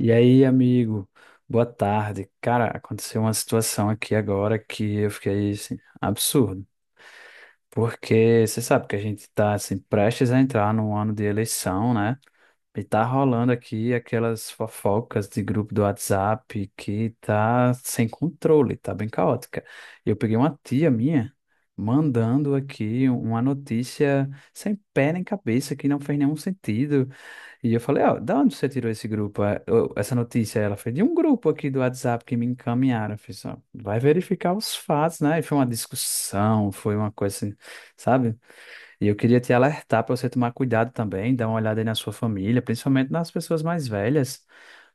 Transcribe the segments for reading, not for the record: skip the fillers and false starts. E aí, amigo, boa tarde. Cara, aconteceu uma situação aqui agora que eu fiquei assim, absurdo. Porque você sabe que a gente tá assim, prestes a entrar num ano de eleição, né? E tá rolando aqui aquelas fofocas de grupo do WhatsApp que tá sem controle, tá bem caótica. Eu peguei uma tia minha mandando aqui uma notícia sem pé nem cabeça, que não fez nenhum sentido. E eu falei, ó, da onde você tirou esse grupo, essa notícia? Ela foi de um grupo aqui do WhatsApp que me encaminharam. Eu fiz, ó, vai verificar os fatos, né? E foi uma discussão, foi uma coisa assim, sabe? E eu queria te alertar para você tomar cuidado também, dar uma olhada aí na sua família, principalmente nas pessoas mais velhas.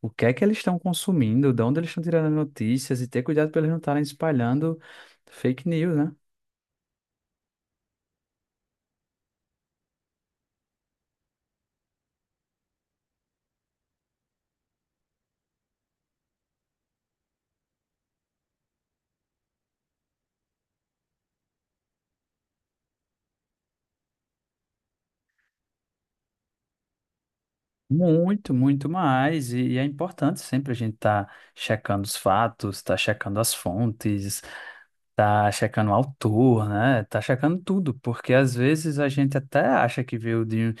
O que é que eles estão consumindo, de onde eles estão tirando as notícias e ter cuidado para eles não estarem espalhando fake news, né? Muito, muito mais. E é importante sempre a gente estar checando os fatos, estar checando as fontes, tá checando o autor, né? Tá checando tudo, porque às vezes a gente até acha que veio de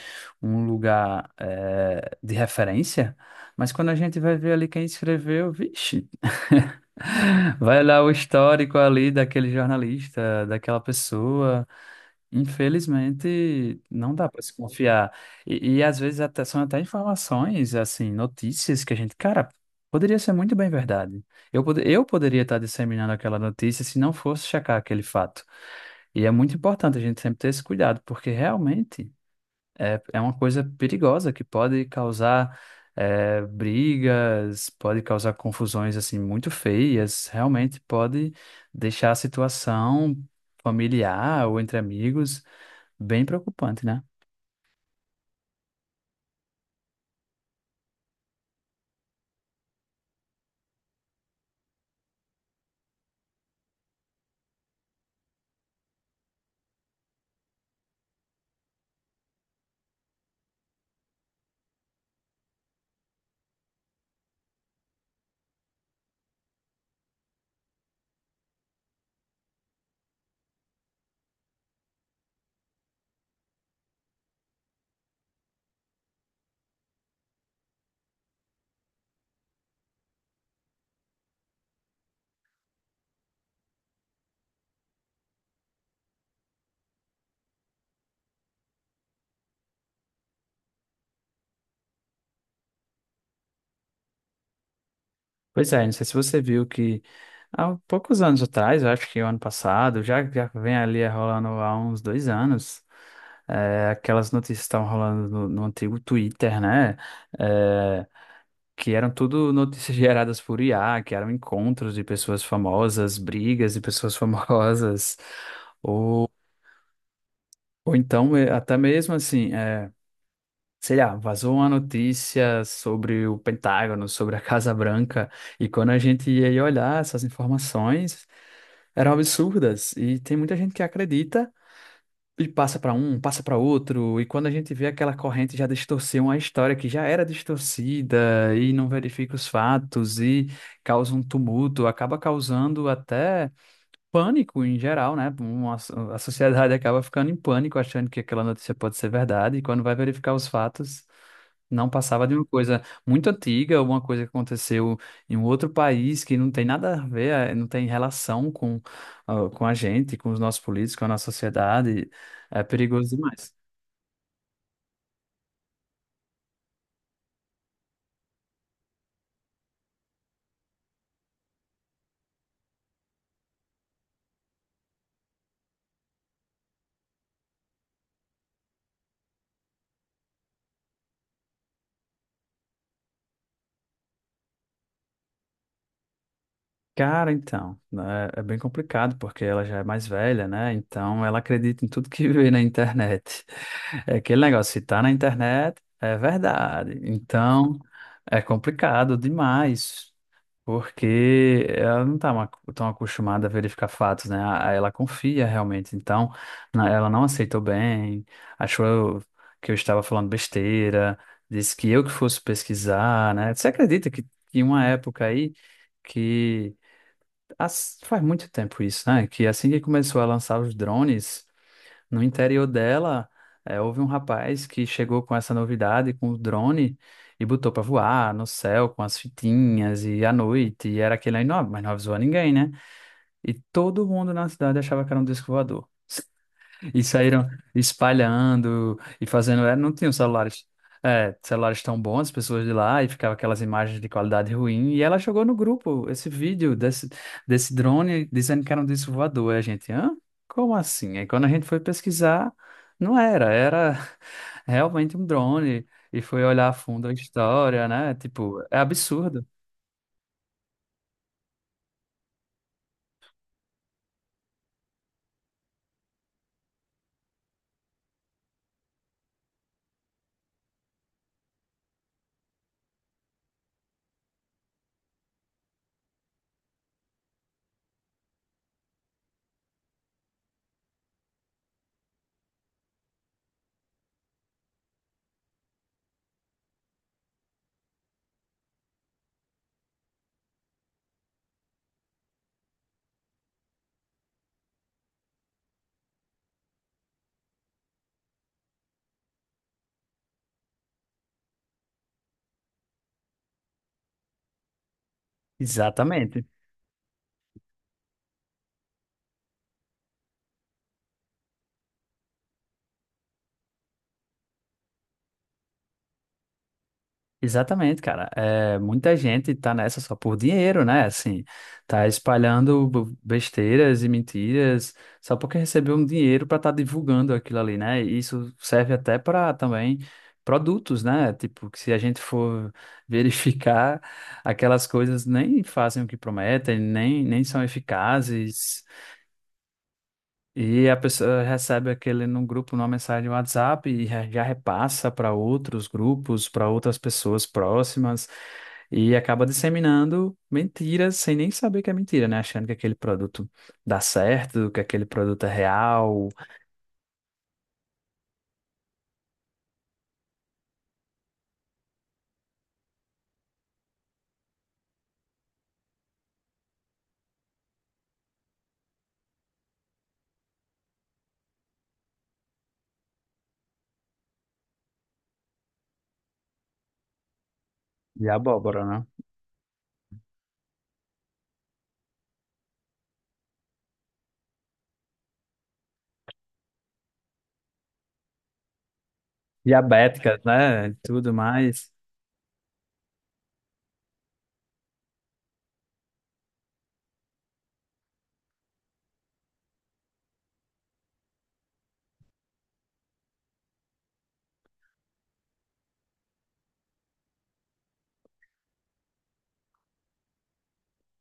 um lugar de referência, mas quando a gente vai ver ali quem escreveu, vixe, vai lá o histórico ali daquele jornalista, daquela pessoa. Infelizmente, não dá para se confiar. Às vezes até são até informações, assim, notícias que a gente, cara, poderia ser muito bem verdade. Eu poderia estar disseminando aquela notícia se não fosse checar aquele fato. E é muito importante a gente sempre ter esse cuidado, porque realmente é uma coisa perigosa que pode causar brigas, pode causar confusões, assim, muito feias. Realmente pode deixar a situação familiar ou entre amigos. Bem preocupante, né? Pois é, não sei se você viu que há poucos anos atrás, eu acho que o ano passado, já vem ali rolando há uns dois anos, aquelas notícias que estavam rolando no antigo Twitter, né? É, que eram tudo notícias geradas por IA, que eram encontros de pessoas famosas, brigas de pessoas famosas, ou, ou então até mesmo assim. Sei lá, vazou uma notícia sobre o Pentágono, sobre a Casa Branca, e quando a gente ia ir olhar essas informações, eram absurdas, e tem muita gente que acredita e passa para um, passa para outro, e quando a gente vê aquela corrente já distorcer uma história que já era distorcida e não verifica os fatos e causa um tumulto, acaba causando até pânico em geral, né? A sociedade acaba ficando em pânico, achando que aquela notícia pode ser verdade, e quando vai verificar os fatos, não passava de uma coisa muito antiga, alguma coisa que aconteceu em um outro país que não tem nada a ver, não tem relação com, com a gente, com os nossos políticos, com a nossa sociedade. É perigoso demais. Cara, então, né, é bem complicado porque ela já é mais velha, né? Então ela acredita em tudo que vê na internet. É aquele negócio, se tá na internet, é verdade. Então é complicado demais, porque ela não tá ma- tão acostumada a verificar fatos, né? Ela confia realmente. Então ela não aceitou bem, achou que eu estava falando besteira, disse que eu que fosse pesquisar, né? Você acredita que uma época aí que faz muito tempo isso, né? Que assim que começou a lançar os drones, no interior dela, houve um rapaz que chegou com essa novidade, com o drone, e botou para voar no céu com as fitinhas e à noite, e era aquele aí, não, mas não avisou a ninguém, né? E todo mundo na cidade achava que era um disco voador. E saíram espalhando e fazendo. Não tinham celulares, celulares tão bons, as pessoas de lá, e ficava aquelas imagens de qualidade ruim. E ela jogou no grupo esse vídeo desse drone dizendo que era um disco voador. Aí a gente, hã? Como assim? Aí quando a gente foi pesquisar, não era, era realmente um drone. E foi olhar a fundo a história, né? Tipo, é absurdo. Exatamente. Exatamente, cara. É, muita gente tá nessa só por dinheiro, né? Assim, tá espalhando besteiras e mentiras só porque recebeu um dinheiro para estar divulgando aquilo ali, né? E isso serve até para também produtos, né? Tipo, que se a gente for verificar, aquelas coisas nem fazem o que prometem, nem são eficazes. E a pessoa recebe aquele num grupo, numa mensagem no WhatsApp e já repassa para outros grupos, para outras pessoas próximas e acaba disseminando mentiras sem nem saber que é mentira, né? Achando que aquele produto dá certo, que aquele produto é real e abóbora, né? Diabéticas, né? Tudo mais.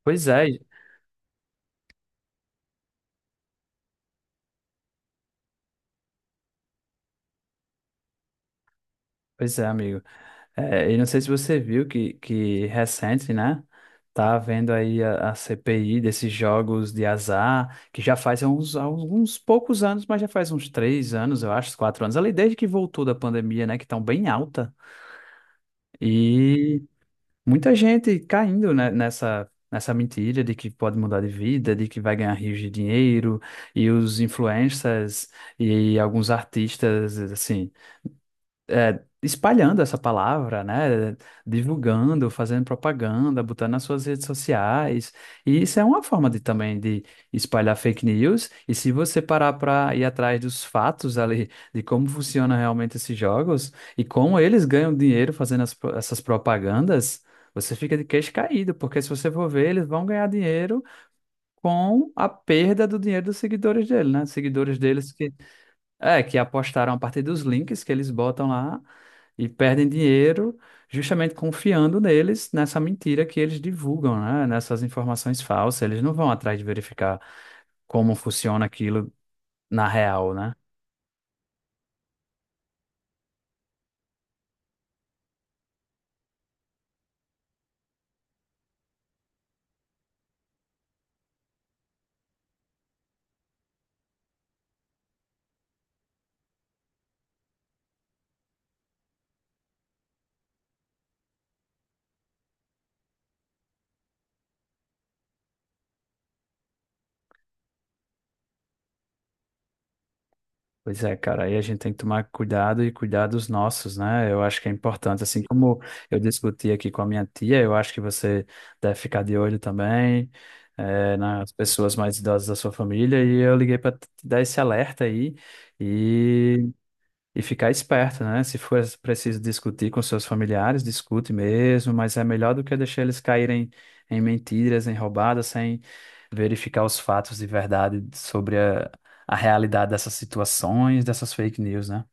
Pois é, Pois é, amigo. É, e não sei se você viu que recente, né? Tá havendo aí a CPI desses jogos de azar, que já faz uns, alguns poucos anos, mas já faz uns três anos, eu acho, quatro anos, ali desde que voltou da pandemia, né? Que estão bem alta. E muita gente caindo, nessa mentira de que pode mudar de vida, de que vai ganhar rios de dinheiro, e os influencers e alguns artistas, assim espalhando essa palavra, né? Divulgando, fazendo propaganda, botando nas suas redes sociais. E isso é uma forma de também de espalhar fake news. E se você parar para ir atrás dos fatos ali de como funcionam realmente esses jogos e como eles ganham dinheiro fazendo essas propagandas, você fica de queixo caído, porque se você for ver, eles vão ganhar dinheiro com a perda do dinheiro dos seguidores dele, né? Seguidores deles que que apostaram a partir dos links que eles botam lá e perdem dinheiro justamente confiando neles, nessa mentira que eles divulgam, né? Nessas informações falsas. Eles não vão atrás de verificar como funciona aquilo na real, né? Pois é, cara, aí a gente tem que tomar cuidado e cuidar dos nossos, né? Eu acho que é importante. Assim como eu discuti aqui com a minha tia, eu acho que você deve ficar de olho também, nas pessoas mais idosas da sua família. E eu liguei para te dar esse alerta aí. E E ficar esperto, né? Se for preciso discutir com seus familiares, discute mesmo, mas é melhor do que deixar eles caírem em mentiras, em roubadas, sem verificar os fatos de verdade sobre a realidade dessas situações, dessas fake news, né?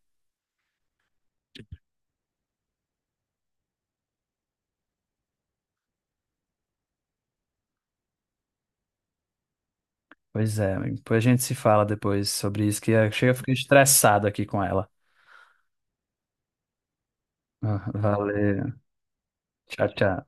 Pois é, amigo. Depois a gente se fala depois sobre isso, que eu chego a ficar estressado aqui com ela. Ah, valeu. Tchau, tchau.